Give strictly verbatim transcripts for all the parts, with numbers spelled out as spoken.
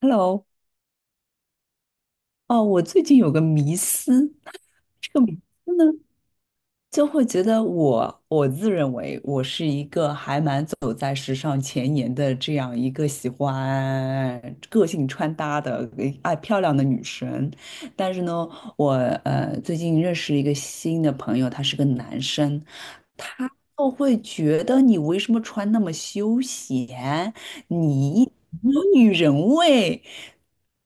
Hello，哦，我最近有个迷思。这个迷思呢，就会觉得我我自认为我是一个还蛮走在时尚前沿的这样一个喜欢个性穿搭的呃爱漂亮的女生。但是呢，我呃最近认识一个新的朋友，他是个男生。他就会觉得你为什么穿那么休闲，你一点都没有女人味。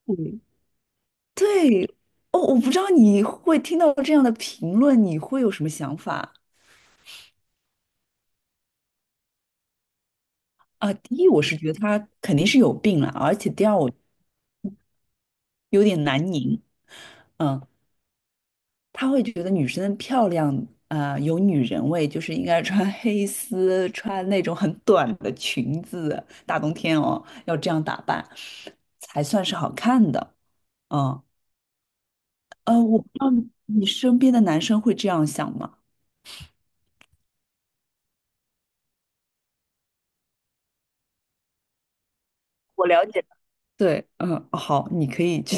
嗯，对。哦，我不知道你会听到这样的评论，你会有什么想法？啊？第一，我是觉得他肯定是有病了，而且第二，我有点难拧。嗯，他会觉得女生漂亮，啊，有女人味，就是应该穿 黑丝，穿那种很短的裙子，大冬天哦，要这样打扮才算是好看的。嗯，呃，我不知道你身边的男生会这样想吗？我了解。对，嗯，哦好，你可以去。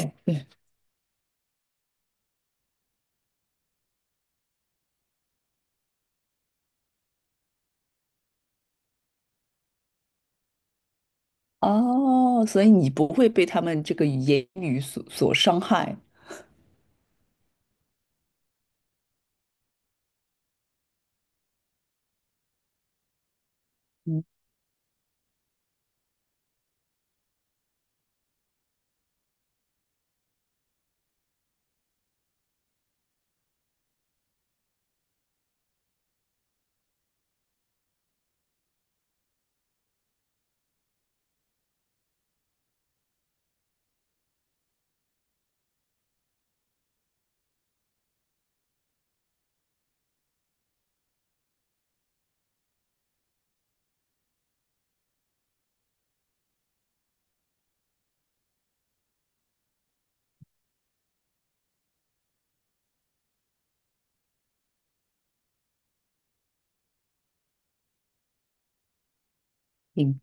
哦，所以你不会被他们这个言语所所伤害。嗯，嗯，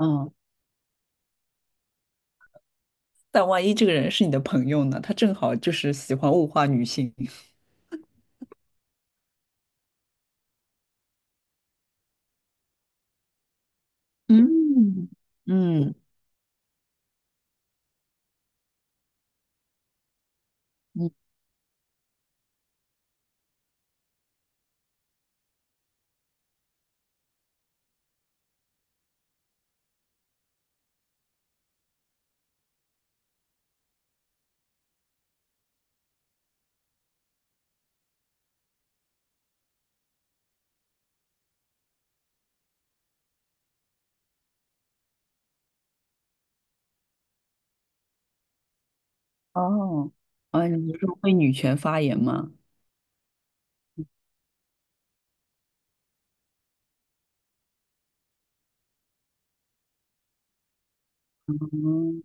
嗯，但万一这个人是你的朋友呢？他正好就是喜欢物化女性。嗯，嗯，嗯。哦，啊，你是会女权发言吗？嗯，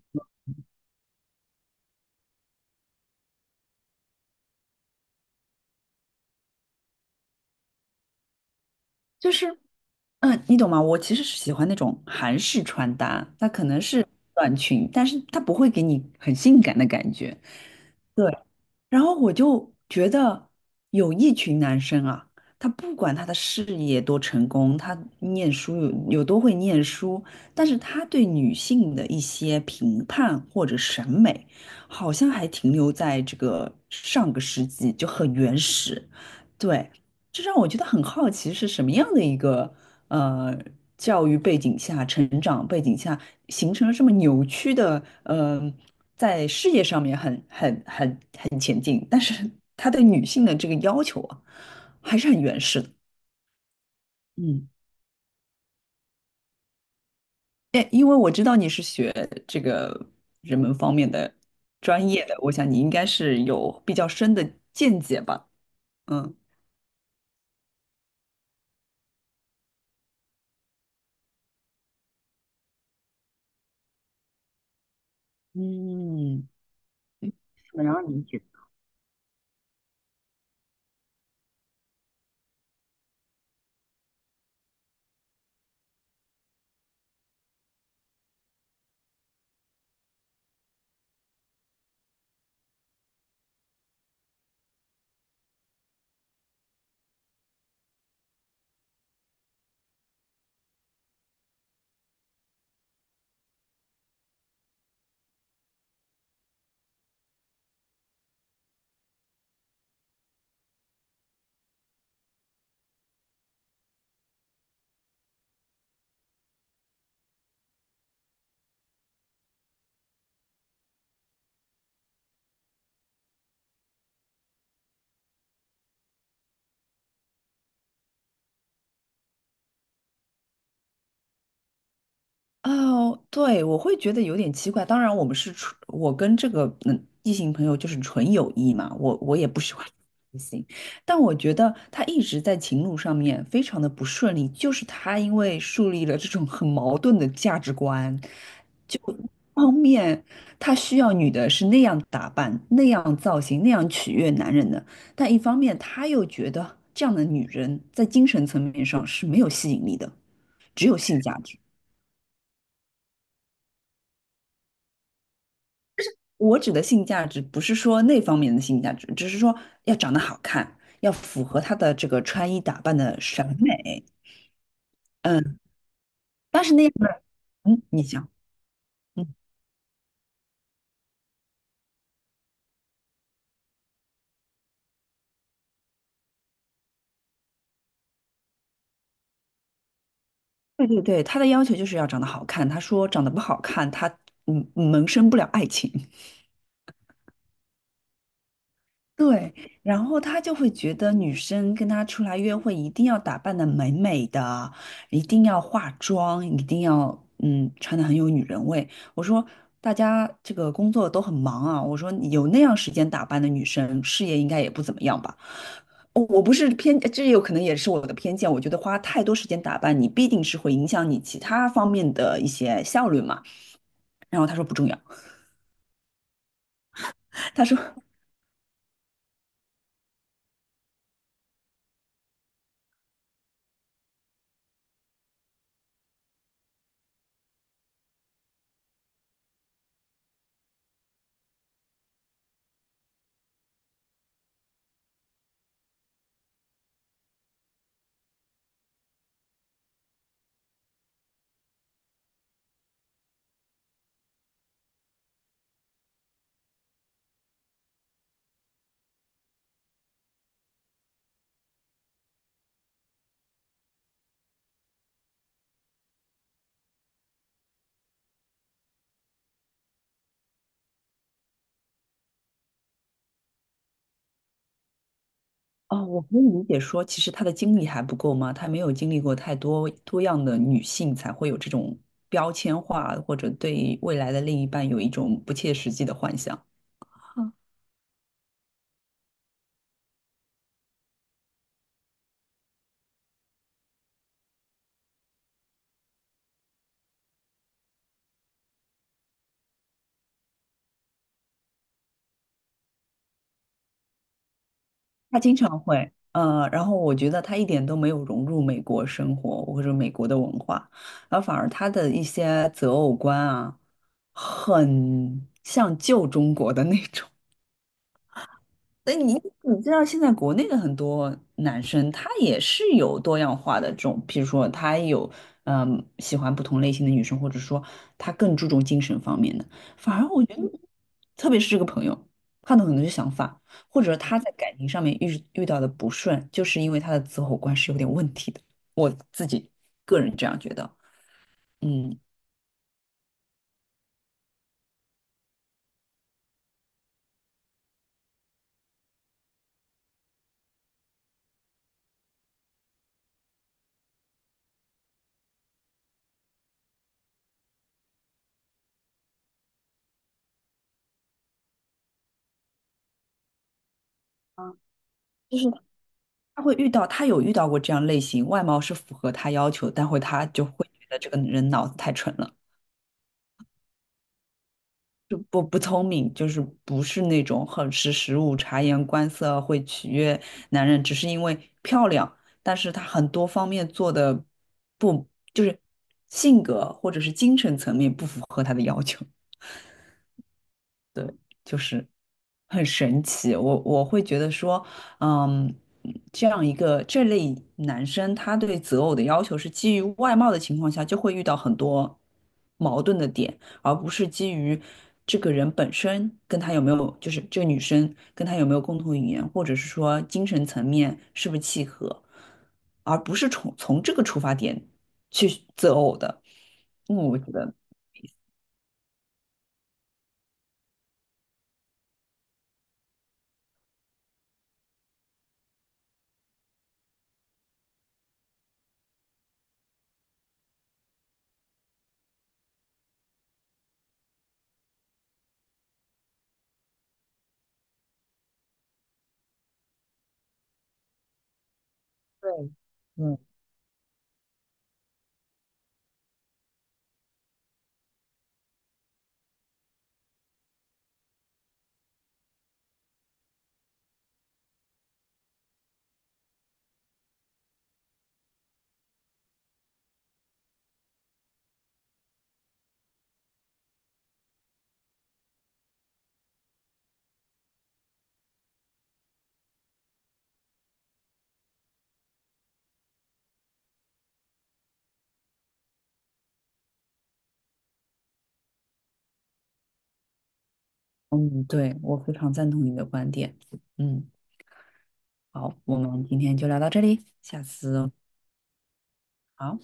就是。嗯，你懂吗？我其实是喜欢那种韩式穿搭，它可能是短裙，但是它不会给你很性感的感觉。对，然后我就觉得有一群男生啊，他不管他的事业多成功，他念书有有多会念书，但是他对女性的一些评判或者审美，好像还停留在这个上个世纪，就很原始。对，这让我觉得很好奇，是什么样的一个。呃教育背景下、成长背景下，形成了这么扭曲的，呃，在事业上面很很很很前进，但是他对女性的这个要求啊，还是很原始的。嗯，哎，因为我知道你是学这个人文方面的专业的，我想你应该是有比较深的见解吧？嗯。嗯，然后你觉得哦，对，我会觉得有点奇怪。当然，我们是纯，我跟这个嗯异性朋友就是纯友谊嘛，我我也不喜欢 异性，但我觉得他一直在情路上面非常的不顺利，就是他因为树立了这种很矛盾的价值观，就一方面他需要女的是那样打扮、那样造型、那样取悦男人的，但一方面他又觉得这样的女人在精神层面上是没有吸引力的，只有性价值。我指的性价值不是说那方面的性价值，只是说要长得好看，要符合他的这个穿衣打扮的审美。嗯，但是那样的，嗯，你想，嗯，对对对，他的要求就是要长得好看。他说长得不好看，他嗯萌生不了爱情。对，然后他就会觉得女生跟他出来约会一定要打扮的美美的，一定要化妆，一定要嗯穿的很有女人味。我说大家这个工作都很忙啊，我说有那样时间打扮的女生，事业应该也不怎么样吧。哦我不是偏，这有可能也是我的偏见。我觉得花太多时间打扮你，必定是会影响你其他方面的一些效率嘛。然后他说不重要，他说哦，我可以理解说，其实她的经历还不够吗？她没有经历过太多多样的女性，才会有这种标签化，或者对未来的另一半有一种不切实际的幻想。嗯，她经常会，呃，然后我觉得她一点都没有融入美国生活或者美国的文化，然后反而她的一些择偶观啊，很像旧中国的那种。那你你知道现在国内的很多男生，他也是有多样化的这种，比如说他有嗯喜欢不同类型的女生，或者说他更注重精神方面的。反而我觉得，特别是这个朋友，他的很多想法，或者他在感情上面遇遇到的不顺，就是因为他的择偶观是有点问题的。我自己个人这样觉得。嗯，就是他会遇到，他有遇到过这样类型，外貌是符合他要求，但会他就会觉得这个人脑子太蠢了。就不不聪明，就是不是那种很识时务、察言观色会取悦男人，只是因为漂亮。但是她很多方面做的不，就是性格或者是精神层面不符合他的要求。对，就是很神奇。我我会觉得说，嗯，这样一个这类男生，他对择偶的要求是基于外貌的情况下，就会遇到很多矛盾的点，而不是基于这个人本身跟他有没有，就是这个女生跟他有没有共同语言，或者是说精神层面是不是契合，而不是从从这个出发点去择偶的。嗯，我觉得。嗯。嗯，对，我非常赞同你的观点。嗯，好，我们今天就聊到这里，下次好。